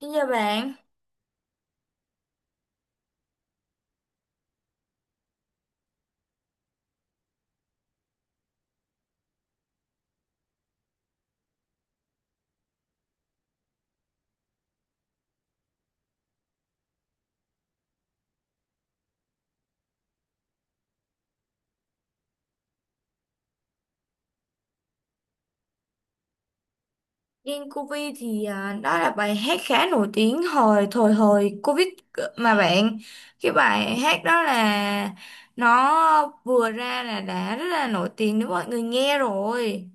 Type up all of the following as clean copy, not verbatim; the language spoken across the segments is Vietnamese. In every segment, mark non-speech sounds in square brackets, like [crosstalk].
Xin chào bạn. Đen Covid đó là bài hát khá nổi tiếng hồi Covid mà bạn, cái bài hát đó là nó vừa ra là đã rất là nổi tiếng đến mọi người nghe rồi.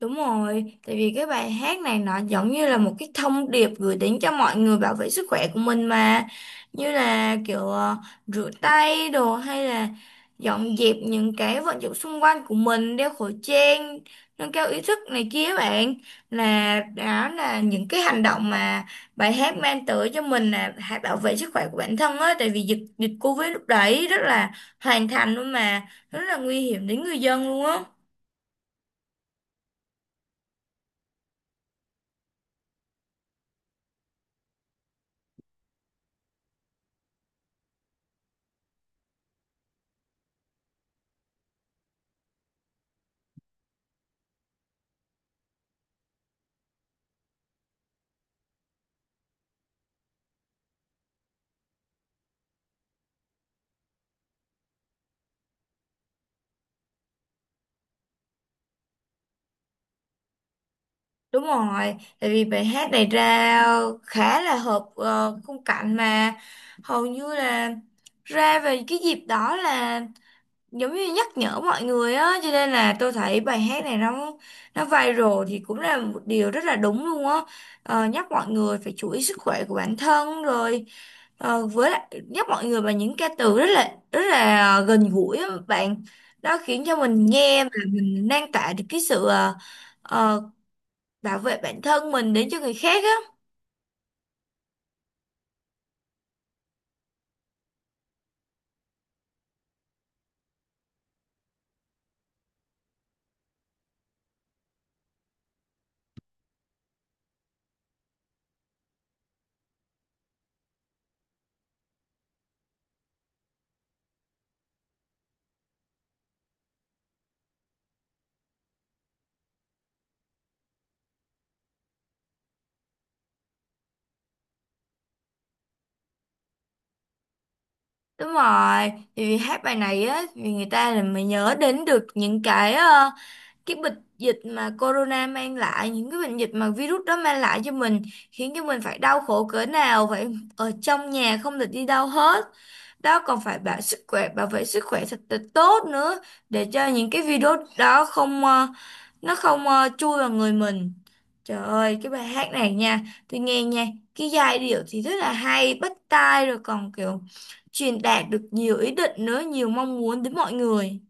Đúng rồi, tại vì cái bài hát này nó giống như là một cái thông điệp gửi đến cho mọi người bảo vệ sức khỏe của mình mà. Như là kiểu rửa tay đồ hay là dọn dẹp những cái vận dụng xung quanh của mình, đeo khẩu trang, nâng cao ý thức này kia bạn. Là đó là những cái hành động mà bài hát mang tới cho mình là hãy bảo vệ sức khỏe của bản thân á. Tại vì dịch dịch Covid lúc đấy rất là hoàn thành luôn mà, rất là nguy hiểm đến người dân luôn á. Đúng rồi, tại vì bài hát này ra khá là hợp khung cảnh mà hầu như là ra về cái dịp đó là giống như nhắc nhở mọi người á, cho nên là tôi thấy bài hát này nó viral thì cũng là một điều rất là đúng luôn á. Nhắc mọi người phải chú ý sức khỏe của bản thân rồi, với lại nhắc mọi người bằng những ca từ rất là gần gũi á bạn. Đó khiến cho mình nghe mà mình lan tỏa được cái sự uh, bảo vệ bản thân mình đến cho người khác á. Đúng rồi, thì vì hát bài này á, vì người ta là mới nhớ đến được những cái cái bệnh dịch mà corona mang lại, những cái bệnh dịch mà virus đó mang lại cho mình, khiến cho mình phải đau khổ cỡ nào, phải ở trong nhà không được đi đâu hết. Đó còn phải bảo sức khỏe, bảo vệ sức khỏe thật là tốt nữa, để cho những cái virus đó không, nó không chui vào người mình. Trời ơi, cái bài hát này nha, tôi nghe nha, cái giai điệu thì rất là hay bắt tai rồi, còn kiểu truyền đạt được nhiều ý định nữa, nhiều mong muốn đến mọi người.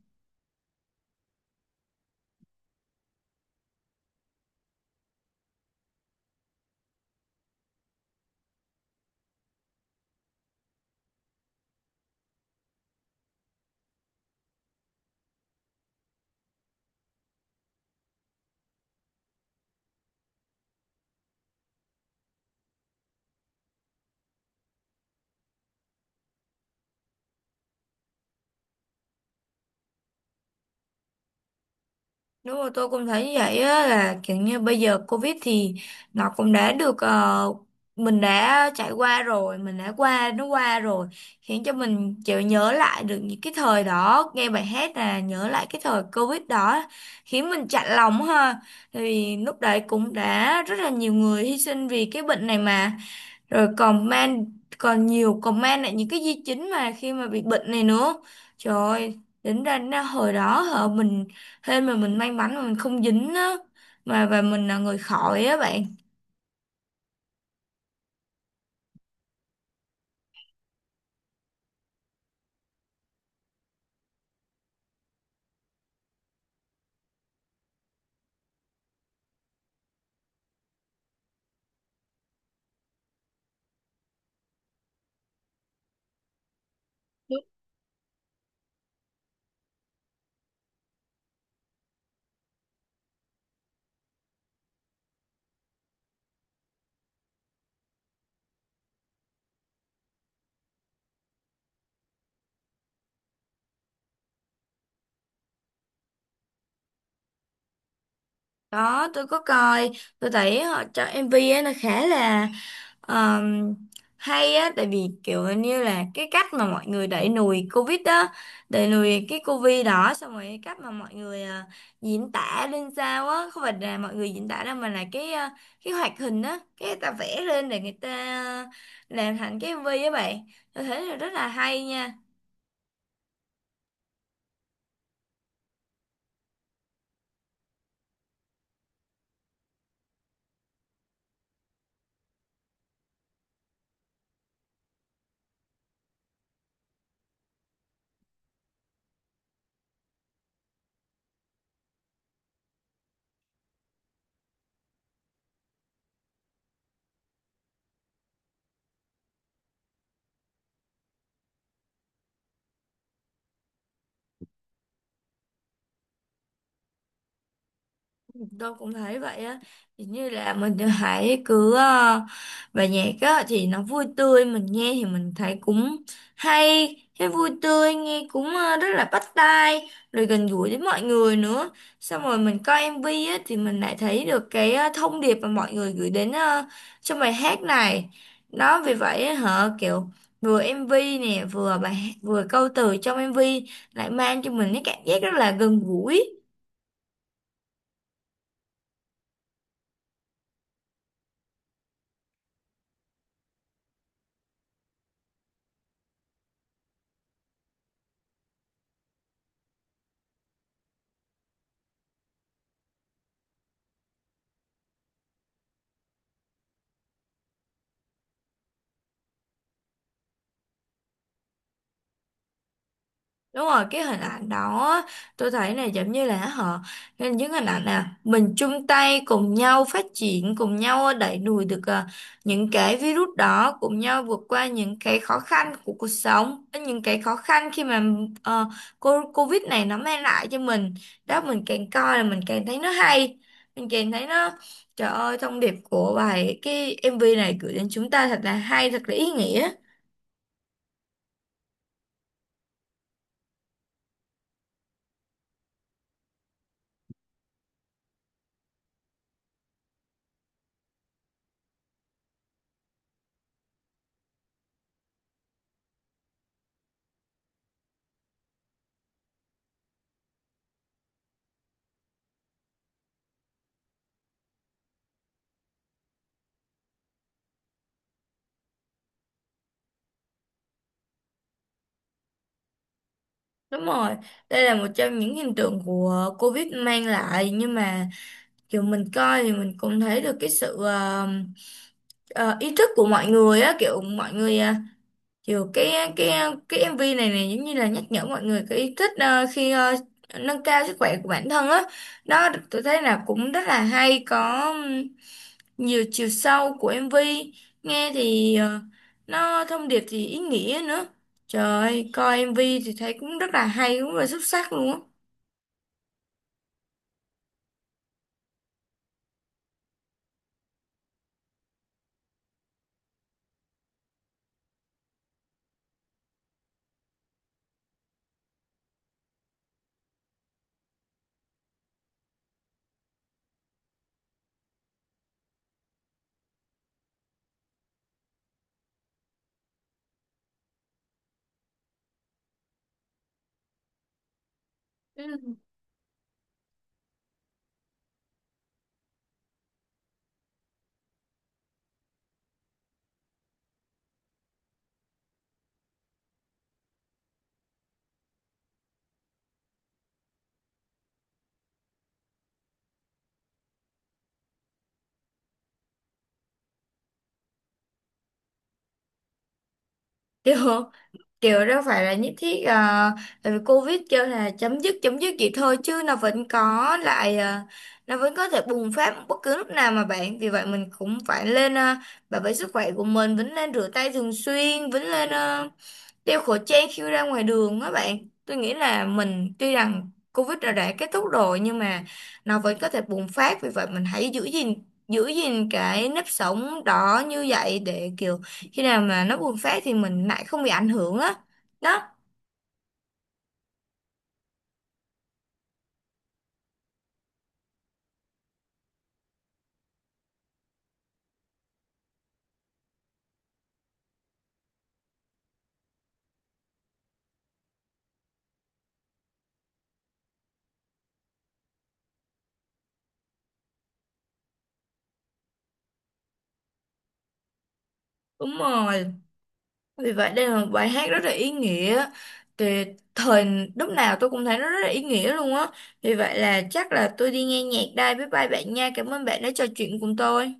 Đúng rồi, tôi cũng thấy như vậy á, là kiểu như bây giờ Covid thì nó cũng đã được mình đã trải qua rồi, mình đã qua, nó qua rồi, khiến cho mình chịu nhớ lại được những cái thời đó, nghe bài hát là nhớ lại cái thời Covid đó, khiến mình chạnh lòng ha. Tại vì lúc đấy cũng đã rất là nhiều người hy sinh vì cái bệnh này mà, rồi comment, còn nhiều comment lại những cái di chứng mà khi mà bị bệnh này nữa. Trời ơi, tính ra nó hồi đó hả, mình hên mà, mình may mắn mà mình không dính á, mà và mình là người khỏi á bạn. Đó, tôi có coi, tôi thấy họ cho MV ấy nó khá là Ờm, hay á, tại vì kiểu như là cái cách mà mọi người đẩy lùi Covid đó, đẩy lùi cái Covid đó, xong rồi cái cách mà mọi người diễn tả lên sao á, không phải là mọi người diễn tả đâu mà là cái cái hoạt hình á, cái người ta vẽ lên để người ta ờ, làm thành cái MV á bạn. Tôi thấy là rất là hay nha. Tôi cũng thấy vậy á. Thì như là mình hãy cứ bài nhạc á thì nó vui tươi, mình nghe thì mình thấy cũng hay, cái vui tươi nghe cũng rất là bắt tai rồi gần gũi với mọi người nữa. Xong rồi mình coi MV á thì mình lại thấy được cái thông điệp mà mọi người gửi đến trong bài hát này đó, vì vậy á, hả kiểu vừa MV nè, vừa vừa câu từ trong MV lại mang cho mình cái cảm giác rất là gần gũi. Đúng rồi, cái hình ảnh đó á, tôi thấy này giống như là họ nên những hình ảnh là mình chung tay cùng nhau phát triển, cùng nhau đẩy lùi được những cái virus đó, cùng nhau vượt qua những cái khó khăn của cuộc sống, những cái khó khăn khi mà ờ, cô Covid này nó mang lại cho mình. Đó mình càng coi là mình càng thấy nó hay, mình càng thấy nó, trời ơi, thông điệp của bài cái MV này gửi đến chúng ta thật là hay, thật là ý nghĩa. Đúng rồi, đây là một trong những hiện tượng của Covid mang lại, nhưng mà kiểu mình coi thì mình cũng thấy được cái sự ờ, ý thức của mọi người á, kiểu mọi người kiểu cái MV này này giống như là nhắc nhở mọi người cái ý thức khi nâng cao sức khỏe của bản thân á đó. Tôi thấy là cũng rất là hay, có nhiều chiều sâu của MV. Nghe thì nó thông điệp thì ý nghĩa nữa. Trời ơi, coi MV thì thấy cũng rất là hay, cũng rất là xuất sắc luôn á. Ừ. [laughs] kiểu kiểu đâu phải là nhất thiết, tại vì Covid kêu là chấm dứt vậy thôi chứ nó vẫn có lại, nó vẫn có thể bùng phát bất cứ lúc nào mà bạn. Vì vậy mình cũng phải lên, bảo vệ sức khỏe của mình, vẫn nên rửa tay thường xuyên, vẫn lên đeo khẩu trang khi ra ngoài đường á bạn. Tôi nghĩ là mình tuy rằng Covid đã kết thúc rồi nhưng mà nó vẫn có thể bùng phát, vì vậy mình hãy giữ gìn cái nếp sống đó như vậy để kiểu khi nào mà nó bùng phát thì mình lại không bị ảnh hưởng á đó. Đúng rồi, vì vậy đây là một bài hát rất là ý nghĩa. Thì thời lúc nào tôi cũng thấy nó rất là ý nghĩa luôn á. Vì vậy là chắc là tôi đi nghe nhạc đây, bye bye bạn nha, cảm ơn bạn đã trò chuyện cùng tôi.